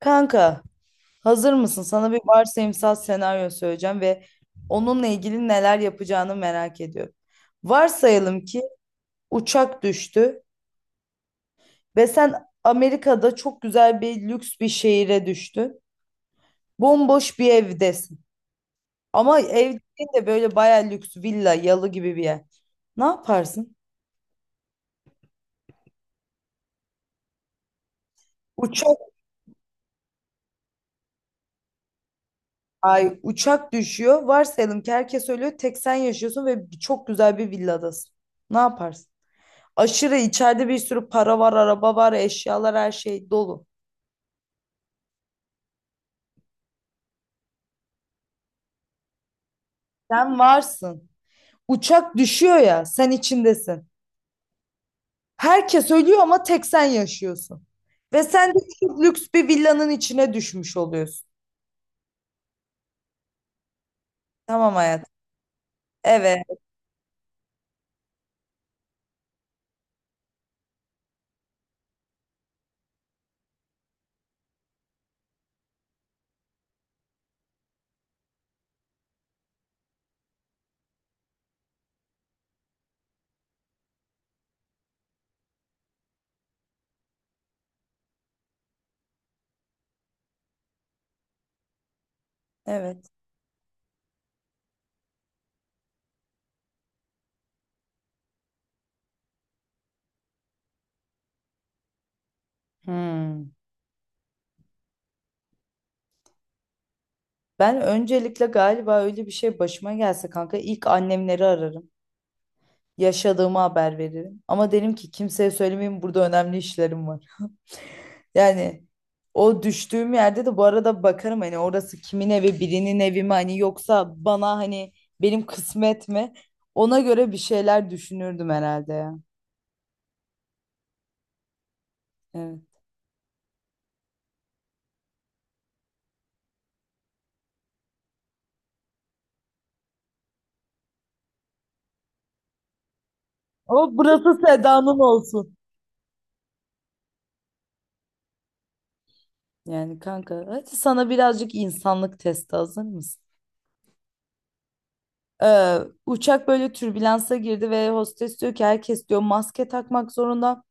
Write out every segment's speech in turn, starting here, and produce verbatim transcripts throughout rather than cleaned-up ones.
Kanka, hazır mısın? Sana bir varsayımsal senaryo söyleyeceğim ve onunla ilgili neler yapacağını merak ediyorum. Varsayalım ki uçak düştü ve sen Amerika'da çok güzel bir lüks bir şehire düştün. Bomboş bir evdesin. Ama ev değil de böyle bayağı lüks villa, yalı gibi bir yer. Ne yaparsın? Uçak, ay uçak düşüyor. Varsayalım ki herkes ölüyor. Tek sen yaşıyorsun ve çok güzel bir villadasın. Ne yaparsın? Aşırı içeride bir sürü para var, araba var, eşyalar her şey dolu. Sen varsın. Uçak düşüyor ya, sen içindesin. Herkes ölüyor ama tek sen yaşıyorsun. Ve sen de çok lüks bir villanın içine düşmüş oluyorsun. Tamam hayat. Evet, evet. Hmm. Ben öncelikle galiba öyle bir şey başıma gelse kanka ilk annemleri ararım. Yaşadığımı haber veririm. Ama derim ki kimseye söylemeyeyim, burada önemli işlerim var. Yani o düştüğüm yerde de bu arada bakarım hani orası kimin evi, birinin evi mi hani, yoksa bana hani benim kısmet mi, ona göre bir şeyler düşünürdüm herhalde ya. Evet. Ama burası Seda'nın olsun. Yani kanka hadi sana birazcık insanlık testi, hazır mısın? Ee, Uçak böyle türbülansa girdi ve hostes diyor ki herkes diyor maske takmak zorunda.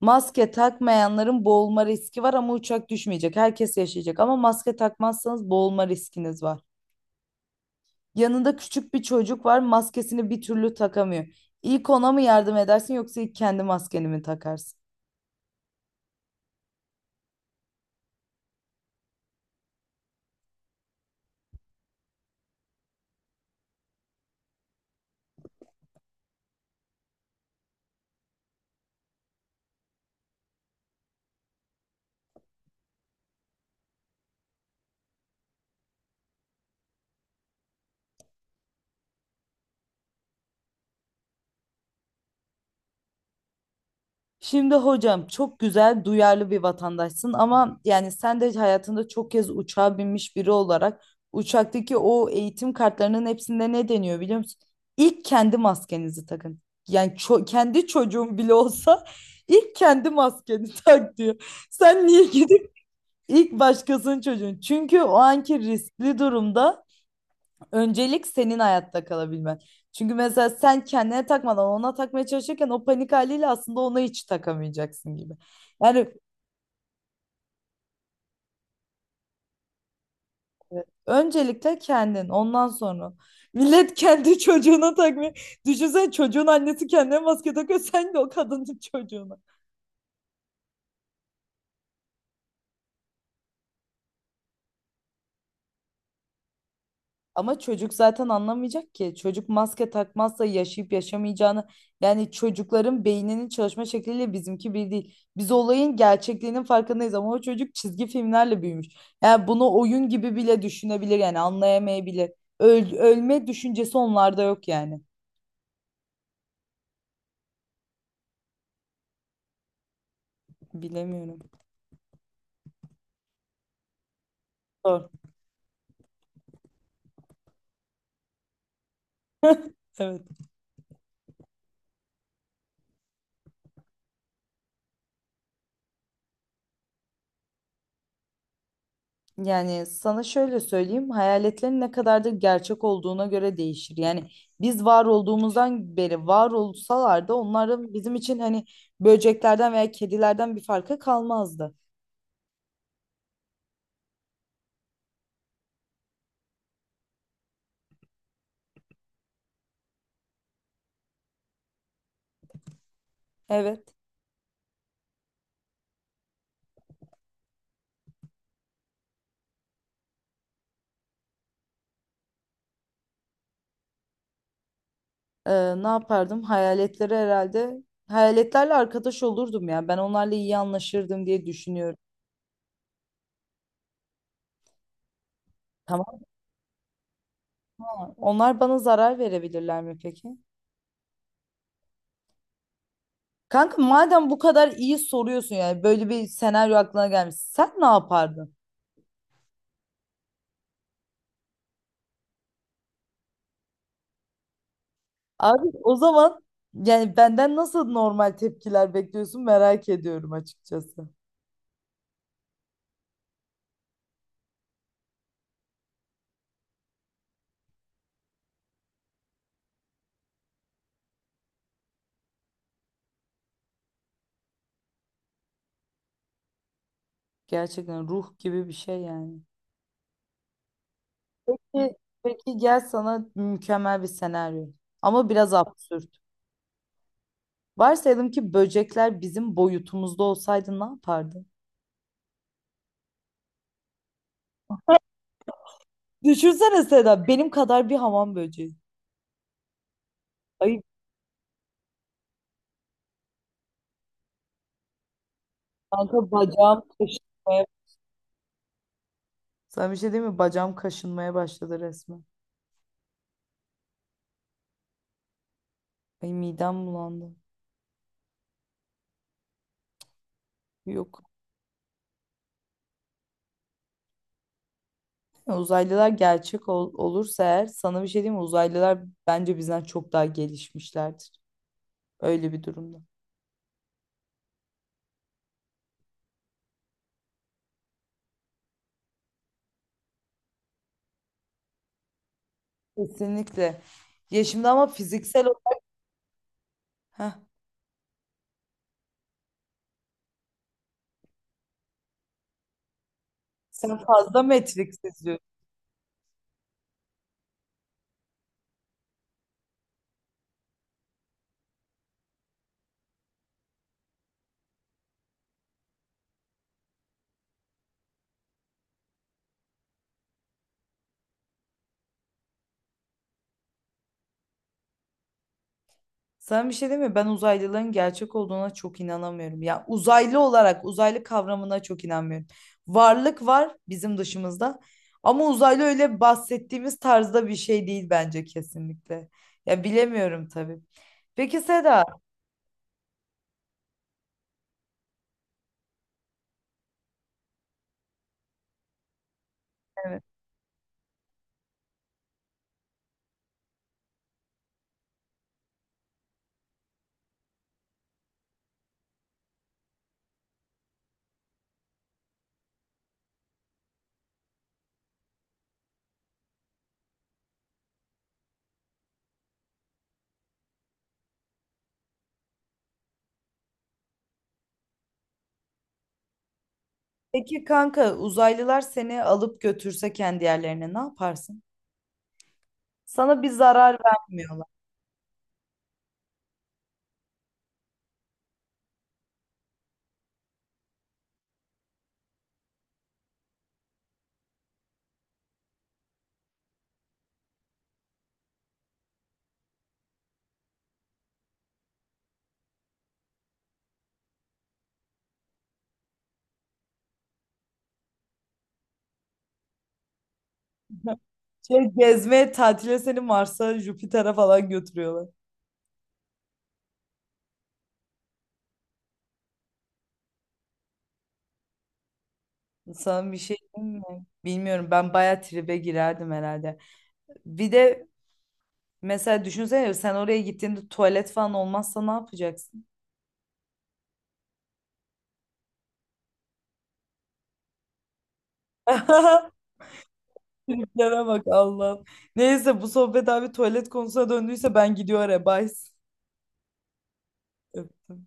Maske takmayanların boğulma riski var ama uçak düşmeyecek. Herkes yaşayacak ama maske takmazsanız boğulma riskiniz var. Yanında küçük bir çocuk var, maskesini bir türlü takamıyor. İlk ona mı yardım edersin yoksa ilk kendi maskeni mi takarsın? Şimdi hocam çok güzel, duyarlı bir vatandaşsın ama yani sen de hayatında çok kez uçağa binmiş biri olarak uçaktaki o eğitim kartlarının hepsinde ne deniyor biliyor musun? İlk kendi maskenizi takın. Yani ço- kendi çocuğun bile olsa ilk kendi maskeni tak diyor. Sen niye gidip ilk başkasının çocuğun? Çünkü o anki riskli durumda öncelik senin hayatta kalabilmen. Çünkü mesela sen kendine takmadan ona takmaya çalışırken o panik haliyle aslında ona hiç takamayacaksın gibi. Yani öncelikle kendin, ondan sonra. Millet kendi çocuğuna takmıyor. Düşünsene çocuğun annesi kendine maske takıyor, sen de o kadının çocuğuna. Ama çocuk zaten anlamayacak ki. Çocuk maske takmazsa yaşayıp yaşamayacağını, yani çocukların beyninin çalışma şekliyle bizimki bir değil. Biz olayın gerçekliğinin farkındayız ama o çocuk çizgi filmlerle büyümüş. Yani bunu oyun gibi bile düşünebilir, yani anlayamayabilir. Öl- ölme düşüncesi onlarda yok yani. Bilemiyorum. Doğru. Evet. Yani sana şöyle söyleyeyim, hayaletlerin ne kadar da gerçek olduğuna göre değişir. Yani biz var olduğumuzdan beri var olsalar da onların bizim için hani böceklerden veya kedilerden bir farkı kalmazdı. Evet. Ee, ne yapardım? Hayaletlere herhalde Hayaletlerle arkadaş olurdum ya. Ben onlarla iyi anlaşırdım diye düşünüyorum. Tamam ama onlar bana zarar verebilirler mi peki? Kanka madem bu kadar iyi soruyorsun, yani böyle bir senaryo aklına gelmiş. Sen ne yapardın? Abi o zaman yani benden nasıl normal tepkiler bekliyorsun merak ediyorum açıkçası. Gerçekten ruh gibi bir şey yani. Peki, peki gel sana mükemmel bir senaryo. Ama biraz absürt. Varsayalım ki böcekler bizim boyutumuzda olsaydı ne yapardın? Düşünsene Seda benim kadar bir hamam böceği. Ay kanka bacağım kaşınmaya. Sana bir şey diyeyim mi? Bacağım kaşınmaya başladı resmen. Ay midem bulandı. Yok. Ya uzaylılar gerçek ol- olursa eğer sana bir şey diyeyim mi? Uzaylılar bence bizden çok daha gelişmişlerdir. Öyle bir durumda. Kesinlikle. Ya şimdi ama fiziksel olarak heh, sen fazla Matrix izliyorsun. Sana bir şey diyeyim mi? Ben uzaylıların gerçek olduğuna çok inanamıyorum. Ya uzaylı olarak uzaylı kavramına çok inanmıyorum. Varlık var bizim dışımızda. Ama uzaylı öyle bahsettiğimiz tarzda bir şey değil bence kesinlikle. Ya bilemiyorum tabii. Peki Seda, peki kanka uzaylılar seni alıp götürse kendi yerlerine ne yaparsın? Sana bir zarar vermiyorlar. Şey, gezmeye, tatile seni Mars'a, Jüpiter'e falan götürüyorlar. Sana bir şey diyeyim mi? Bilmiyorum, ben bayağı tribe girerdim herhalde. Bir de mesela düşünsene sen oraya gittiğinde tuvalet falan olmazsa ne yapacaksın? Triplere bak Allah'ım. Neyse bu sohbet abi tuvalet konusuna döndüyse ben gidiyorum arabaya. Bye. Öptüm.